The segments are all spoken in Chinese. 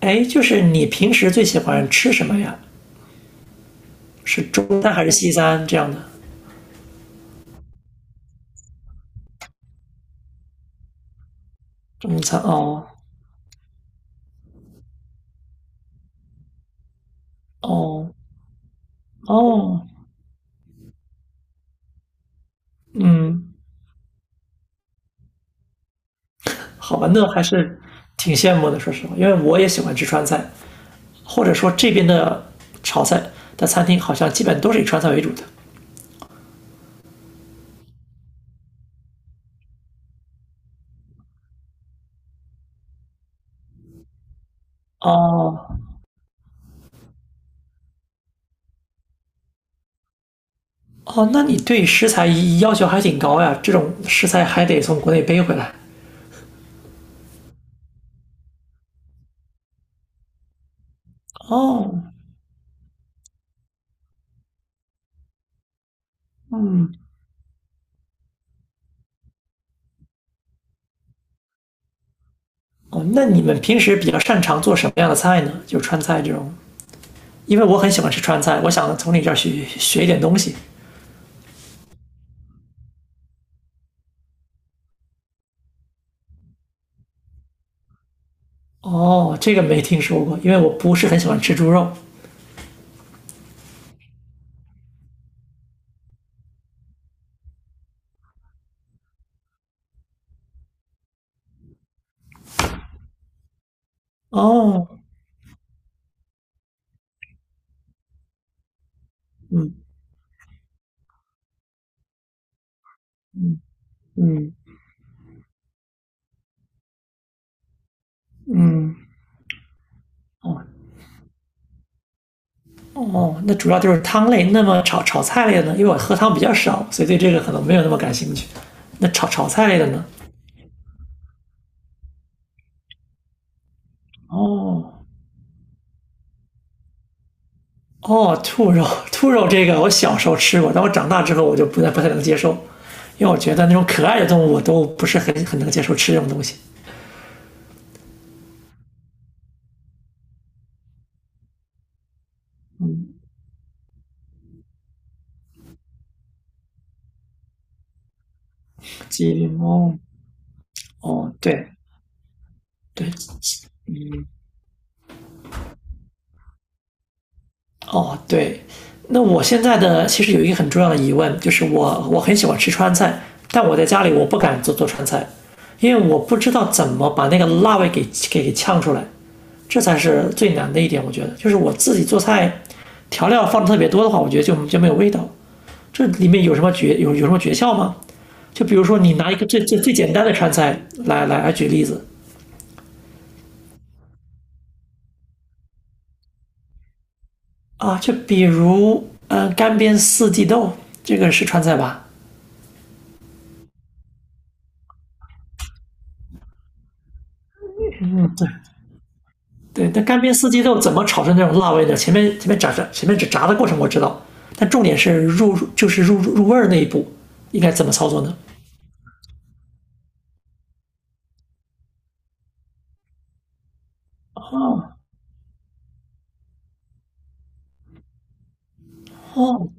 哎，就是你平时最喜欢吃什么呀？是中餐还是西餐这样的？中餐。哦哦哦，嗯，好吧，那还是挺羡慕的，说实话，因为我也喜欢吃川菜，或者说这边的炒菜的餐厅好像基本都是以川菜为主的。哦哦，那你对食材要求还挺高呀，这种食材还得从国内背回来。哦哦，那你们平时比较擅长做什么样的菜呢？就川菜这种。因为我很喜欢吃川菜，我想从你这儿学学一点东西。哦，这个没听说过，因为我不是很喜欢吃猪肉。哦，嗯嗯，嗯。哦哦，那主要就是汤类。那么炒菜类的呢？因为我喝汤比较少，所以对这个可能没有那么感兴趣。那炒菜类的呢？哦哦，兔肉，兔肉这个我小时候吃过，但我长大之后我就不太能接受，因为我觉得那种可爱的动物我都不是很能接受吃这种东西。鸡零哦，对对，哦，对，那我现在的其实有一个很重要的疑问，就是我很喜欢吃川菜，但我在家里我不敢做川菜，因为我不知道怎么把那个辣味给呛出来，这才是最难的一点。我觉得，就是我自己做菜，调料放的特别多的话，我觉得就没有味道。这里面有什么诀窍吗？就比如说你拿一个最简单的川菜来来来举例子啊，就比如干煸四季豆，这个是川菜吧？对，但干煸四季豆怎么炒出那种辣味呢？前面只炸的过程我知道，但重点是入就是入入味儿那一步应该怎么操作呢？哦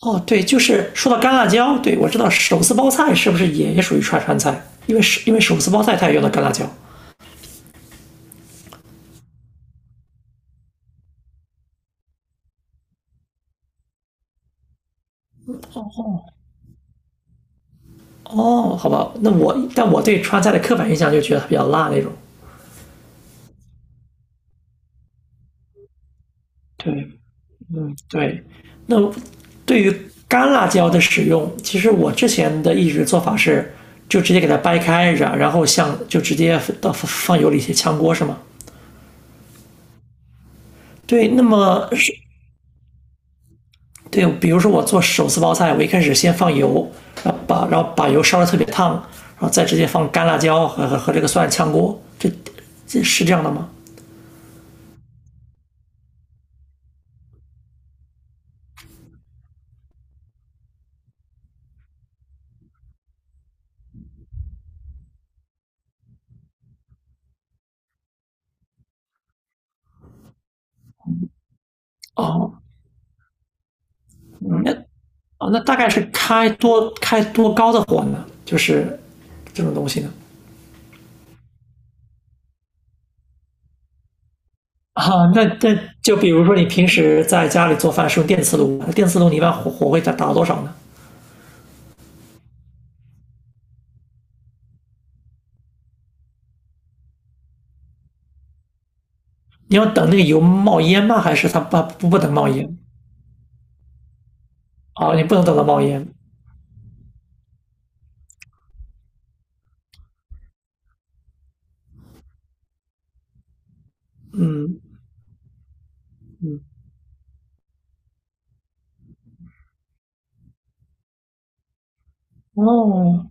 哦，对，就是说到干辣椒，对，我知道手撕包菜是不是也属于川菜？因为手撕包菜它也用到干辣椒。哦，好吧，但我对川菜的刻板印象就觉得它比较辣那种。对，嗯，对。那对于干辣椒的使用，其实我之前的一直做法是，就直接给它掰开，然后像就直接到放油里去炝锅是吗？对，那么是，对，比如说我做手撕包菜，我一开始先放油，然后把油烧的特别烫，然后再直接放干辣椒和这个蒜炝锅，这是这样的吗？哦，嗯。那大概是开多高的火呢？就是这种东西呢？啊，那就比如说你平时在家里做饭是用电磁炉，电磁炉你一般火会打到多少呢？你要等那个油冒烟吗？还是它不能冒烟？啊，你不能等到冒烟。哦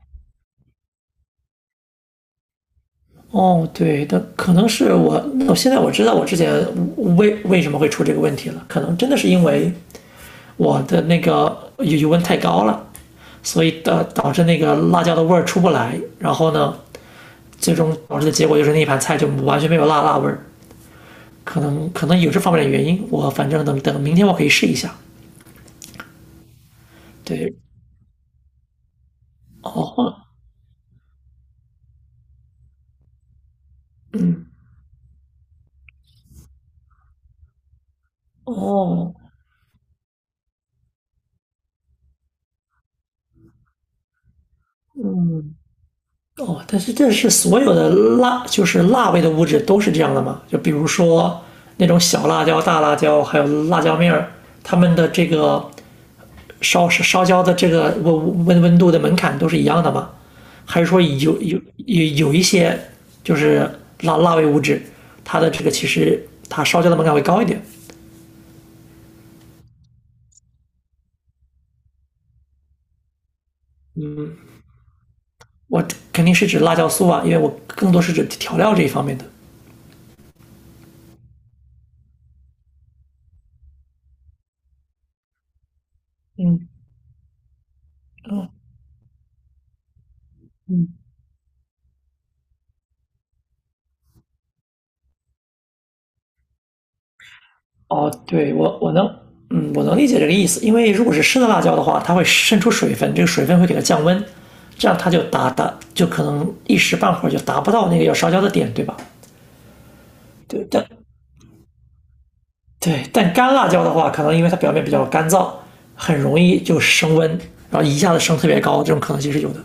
哦，对的，可能是我，那我现在我知道我之前为什么会出这个问题了，可能真的是因为我的那个油温太高了，所以导致那个辣椒的味儿出不来，然后呢，最终导致的结果就是那一盘菜就完全没有辣味儿。可能有这方面的原因，我反正等明天我可以试一下。对，哦哦哦，但是这是所有的辣，就是辣味的物质都是这样的吗？就比如说那种小辣椒、大辣椒，还有辣椒面儿，它们的这个烧焦的这个温度的门槛都是一样的吗？还是说有一些就是辣味物质，它的这个其实它烧焦的门槛会高一点？我肯定是指辣椒素啊，因为我更多是指调料这一方面的。嗯嗯，哦，对，我能，嗯，我能理解这个意思，因为如果是生的辣椒的话，它会渗出水分，这个水分会给它降温，这样它就达达就可能一时半会儿就达不到那个要烧焦的点，对吧？对，但。干辣椒的话，可能因为它表面比较干燥，很容易就升温，然后一下子升特别高，这种可能性是有的。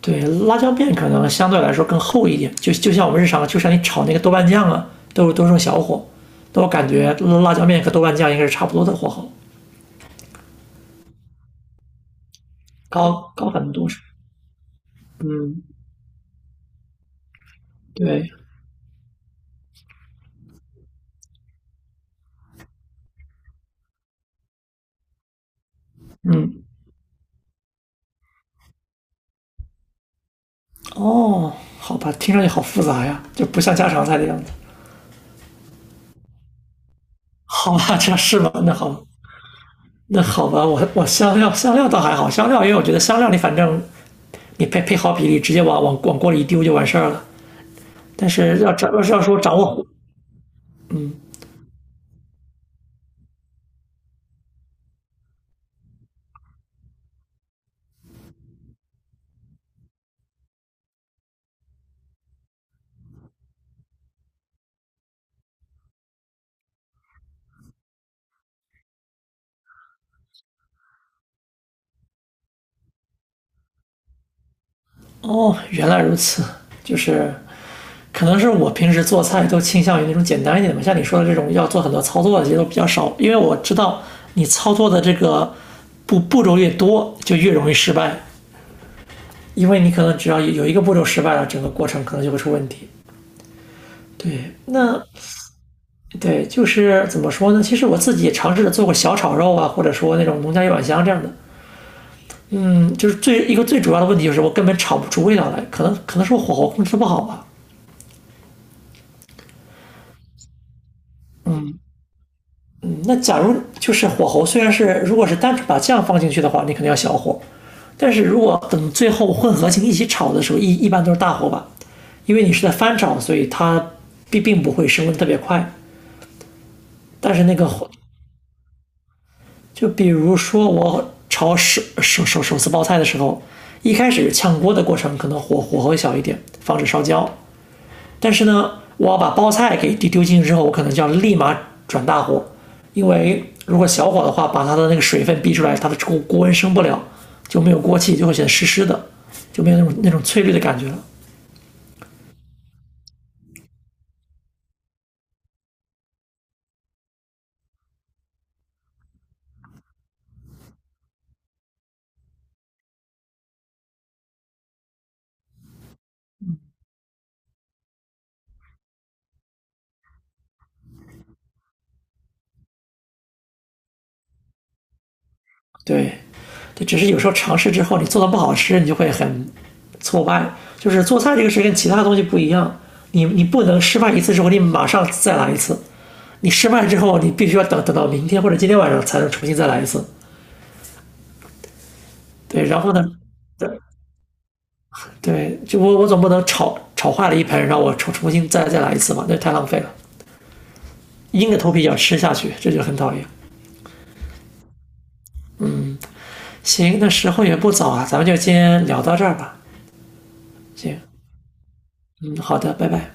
对，辣椒面可能相对来说更厚一点，就像我们日常，就像你炒那个豆瓣酱啊，都是用小火，但我感觉辣椒面和豆瓣酱应该是差不多的火候，高很多是。对，嗯，哦，好吧，听上去好复杂呀，就不像家常菜的样子。好吧，这样是吗？那好，那好吧，我香料，香料倒还好，香料因为我觉得香料你反正你配好比例，直接往锅里一丢就完事儿了。但是要掌握火。哦，原来如此，就是可能是我平时做菜都倾向于那种简单一点的嘛，像你说的这种要做很多操作的，其实都比较少，因为我知道你操作的这个步骤越多，就越容易失败，因为你可能只要有一个步骤失败了，整个过程可能就会出问题。对，那。对，就是怎么说呢？其实我自己也尝试着做过小炒肉啊，或者说那种农家一碗香这样的。嗯，就是一个最主要的问题就是我根本炒不出味道来，可能是我火候控制不好吧。那假如就是火候，虽然是如果是单纯把酱放进去的话，你肯定要小火，但是如果等最后混合型一起炒的时候，一般都是大火吧，因为你是在翻炒，所以它并不会升温特别快。但是那个火，就比如说我炒手撕包菜的时候，一开始炝锅的过程可能火候小一点，防止烧焦。但是呢，我要把包菜给丢进去之后，我可能就要立马转大火，因为如果小火的话，把它的那个水分逼出来，它的锅温升不了，就没有锅气，就会显得湿湿的，就没有那种翠绿的感觉了。对，对，只是有时候尝试之后，你做的不好吃，你就会很挫败。就是做菜这个事跟其他东西不一样，你不能失败一次之后，你马上再来一次。你失败之后，你必须要等到明天或者今天晚上才能重新再来一次。对，然后呢，对，对，就我总不能炒坏了一盆，然后我重新再来一次嘛，那太浪费了。硬着头皮也要吃下去，这就很讨厌。行，那时候也不早啊，咱们就先聊到这儿吧。行，嗯，好的，拜拜。